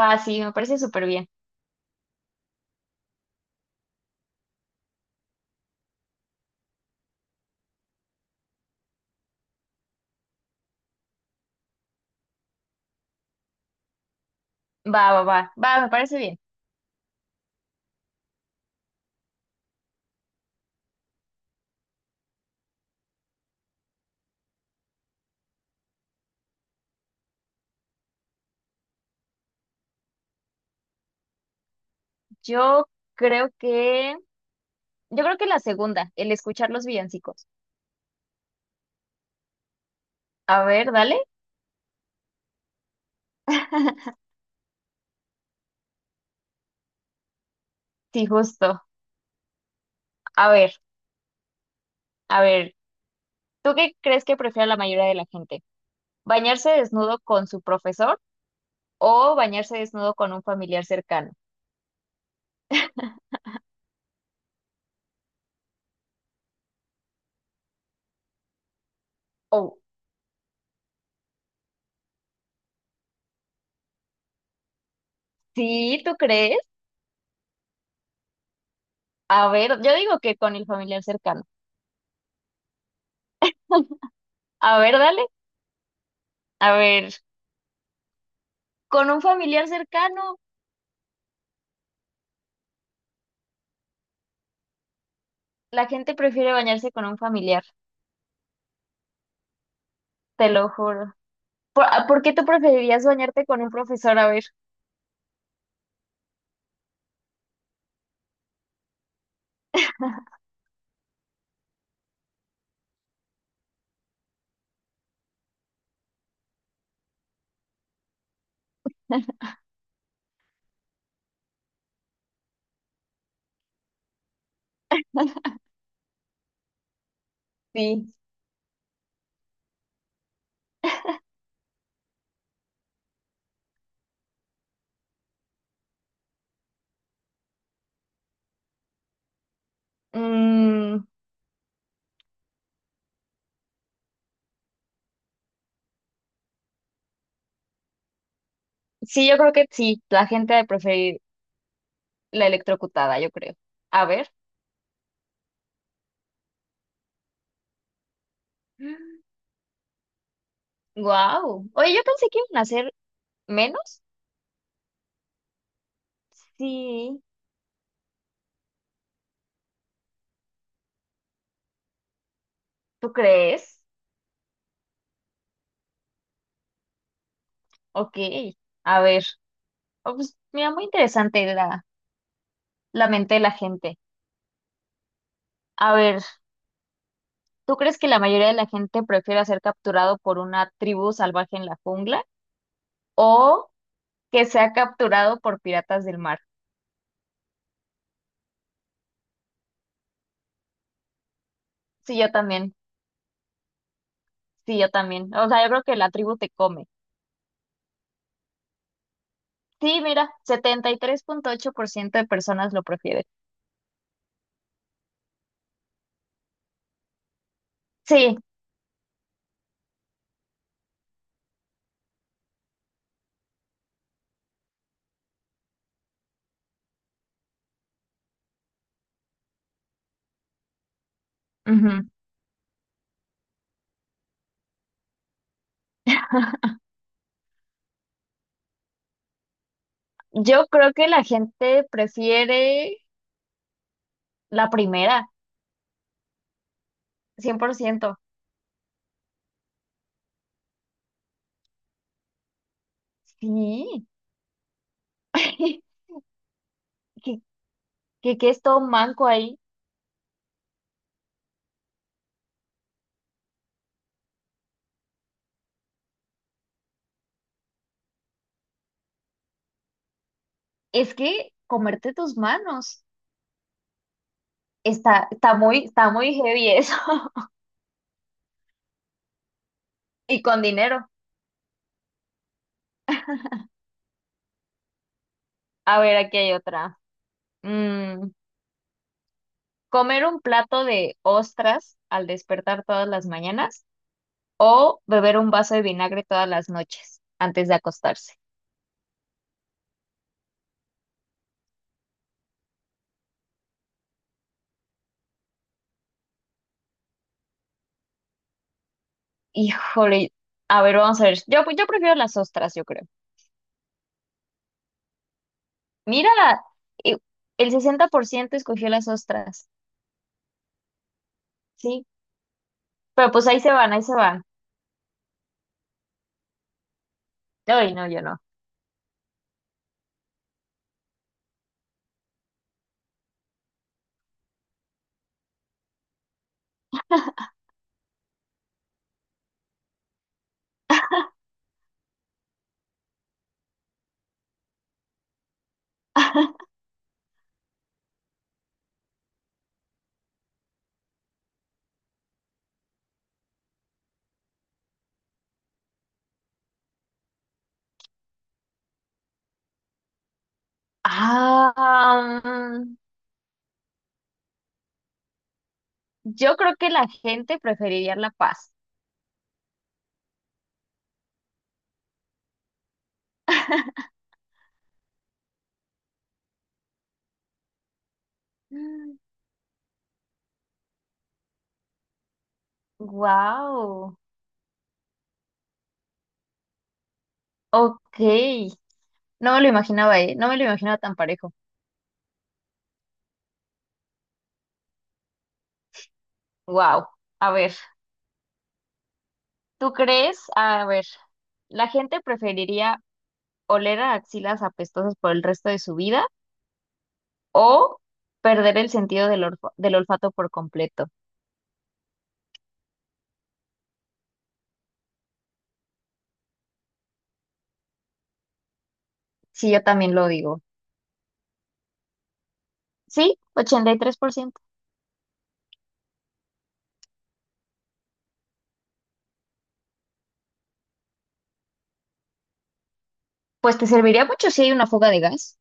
Va, sí, me parece súper bien. Va, va, va, va, me parece bien. Yo creo que, yo creo que la segunda, el escuchar los villancicos. A ver, dale. Sí, justo. A ver, a ver, ¿tú qué crees que prefiere la mayoría de la gente? ¿Bañarse desnudo con su profesor o bañarse desnudo con un familiar cercano? Oh, sí, ¿tú crees? A ver, yo digo que con el familiar cercano. A ver, dale. A ver, con un familiar cercano, la gente prefiere bañarse con un familiar, te lo juro. ¿A por qué tú preferirías bañarte con un profesor? A ver, sí. Mm, sí, yo creo que sí. La gente de preferir la electrocutada, yo creo. A ver. Wow. Oye, yo pensé que iban a ser menos. Sí. ¿Tú crees? Ok. A ver. Oh, pues, mira, muy interesante la mente de la gente. A ver, ¿tú crees que la mayoría de la gente prefiere ser capturado por una tribu salvaje en la jungla o que sea capturado por piratas del mar? Sí, yo también. Sí, yo también. O sea, yo creo que la tribu te come. Sí, mira, 73.8% de personas lo prefieren. Sí, ujú. Yo creo que la gente prefiere la primera, 100%. Sí. ¿Qué, qué es todo manco ahí? Es que comerte tus manos está muy heavy eso. Y con dinero. A ver, aquí hay otra. Mm, Comer un plato de ostras al despertar todas las mañanas o beber un vaso de vinagre todas las noches antes de acostarse. Híjole, a ver, vamos a ver. Yo prefiero las ostras, yo creo. Mira, y- el 60% escogió las ostras, sí. Pero pues ahí se van, ahí se van. Ay, no, yo no. Ah, mm, yo creo que la gente preferiría la paz. Wow. Ok. No me lo imaginaba, ¿eh? No me lo imaginaba tan parejo. Wow. A ver. ¿Tú crees? A ver, ¿la gente preferiría oler a axilas apestosas por el resto de su vida o perder el sentido del olfato por completo? Sí, yo también lo digo. Sí, 83%. Pues te serviría mucho si hay una fuga de gas.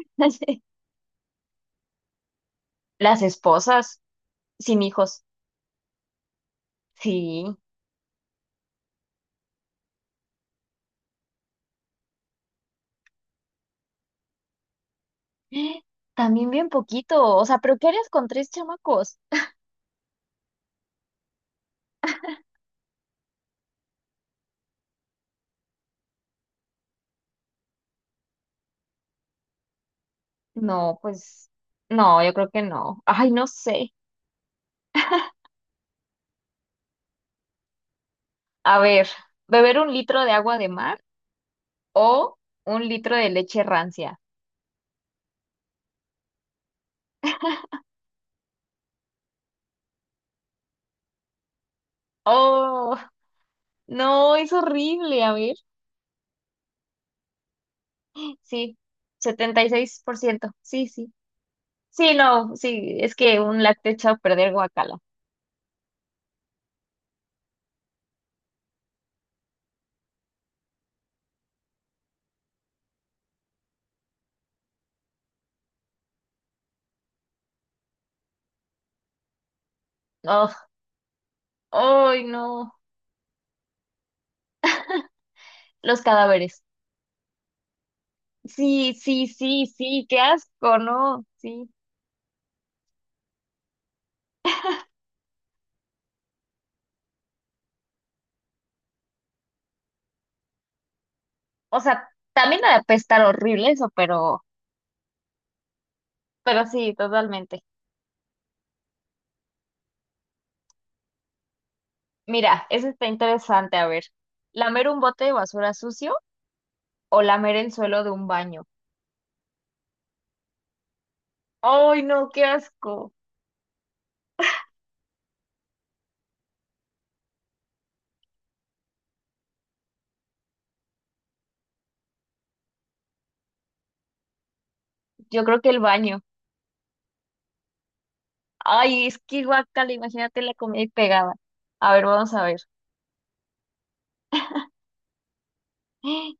Las esposas, sin hijos. Sí. También bien poquito. O sea, ¿pero qué harías con tres chamacos? No, pues no, yo creo que no. Ay, no sé. A ver, beber un litro de agua de mar o un litro de leche rancia. Oh, no, es horrible, a ver. Sí, 76%. Sí, sí. Sí, no, sí, es que un lácteo echado a perder guacala. Oh, ay, no. Los cadáveres. Sí, sí, sí, sí, qué asco, ¿no? Sí. O sea, también ha de apestar horrible eso, pero sí, totalmente. Mira, eso está interesante, a ver. ¿Lamer un bote de basura sucio o lamer el suelo de un baño? Ay, no, qué asco. Yo creo que el baño. Ay, es que guácala, imagínate la comida y pegada. A ver, vamos a ver. ¡Ah!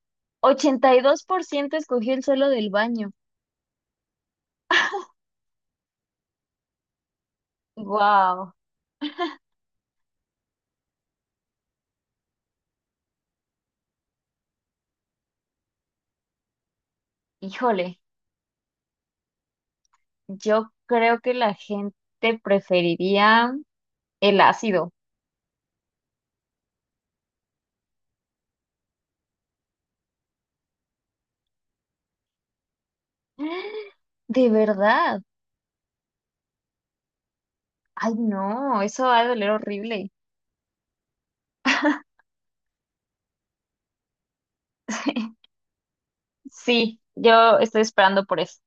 82% escogió el suelo del baño. Wow. Híjole, yo creo que la gente preferiría el ácido. ¡Ah! De verdad. Ay, no, eso va a doler horrible. Sí, yo estoy esperando por eso.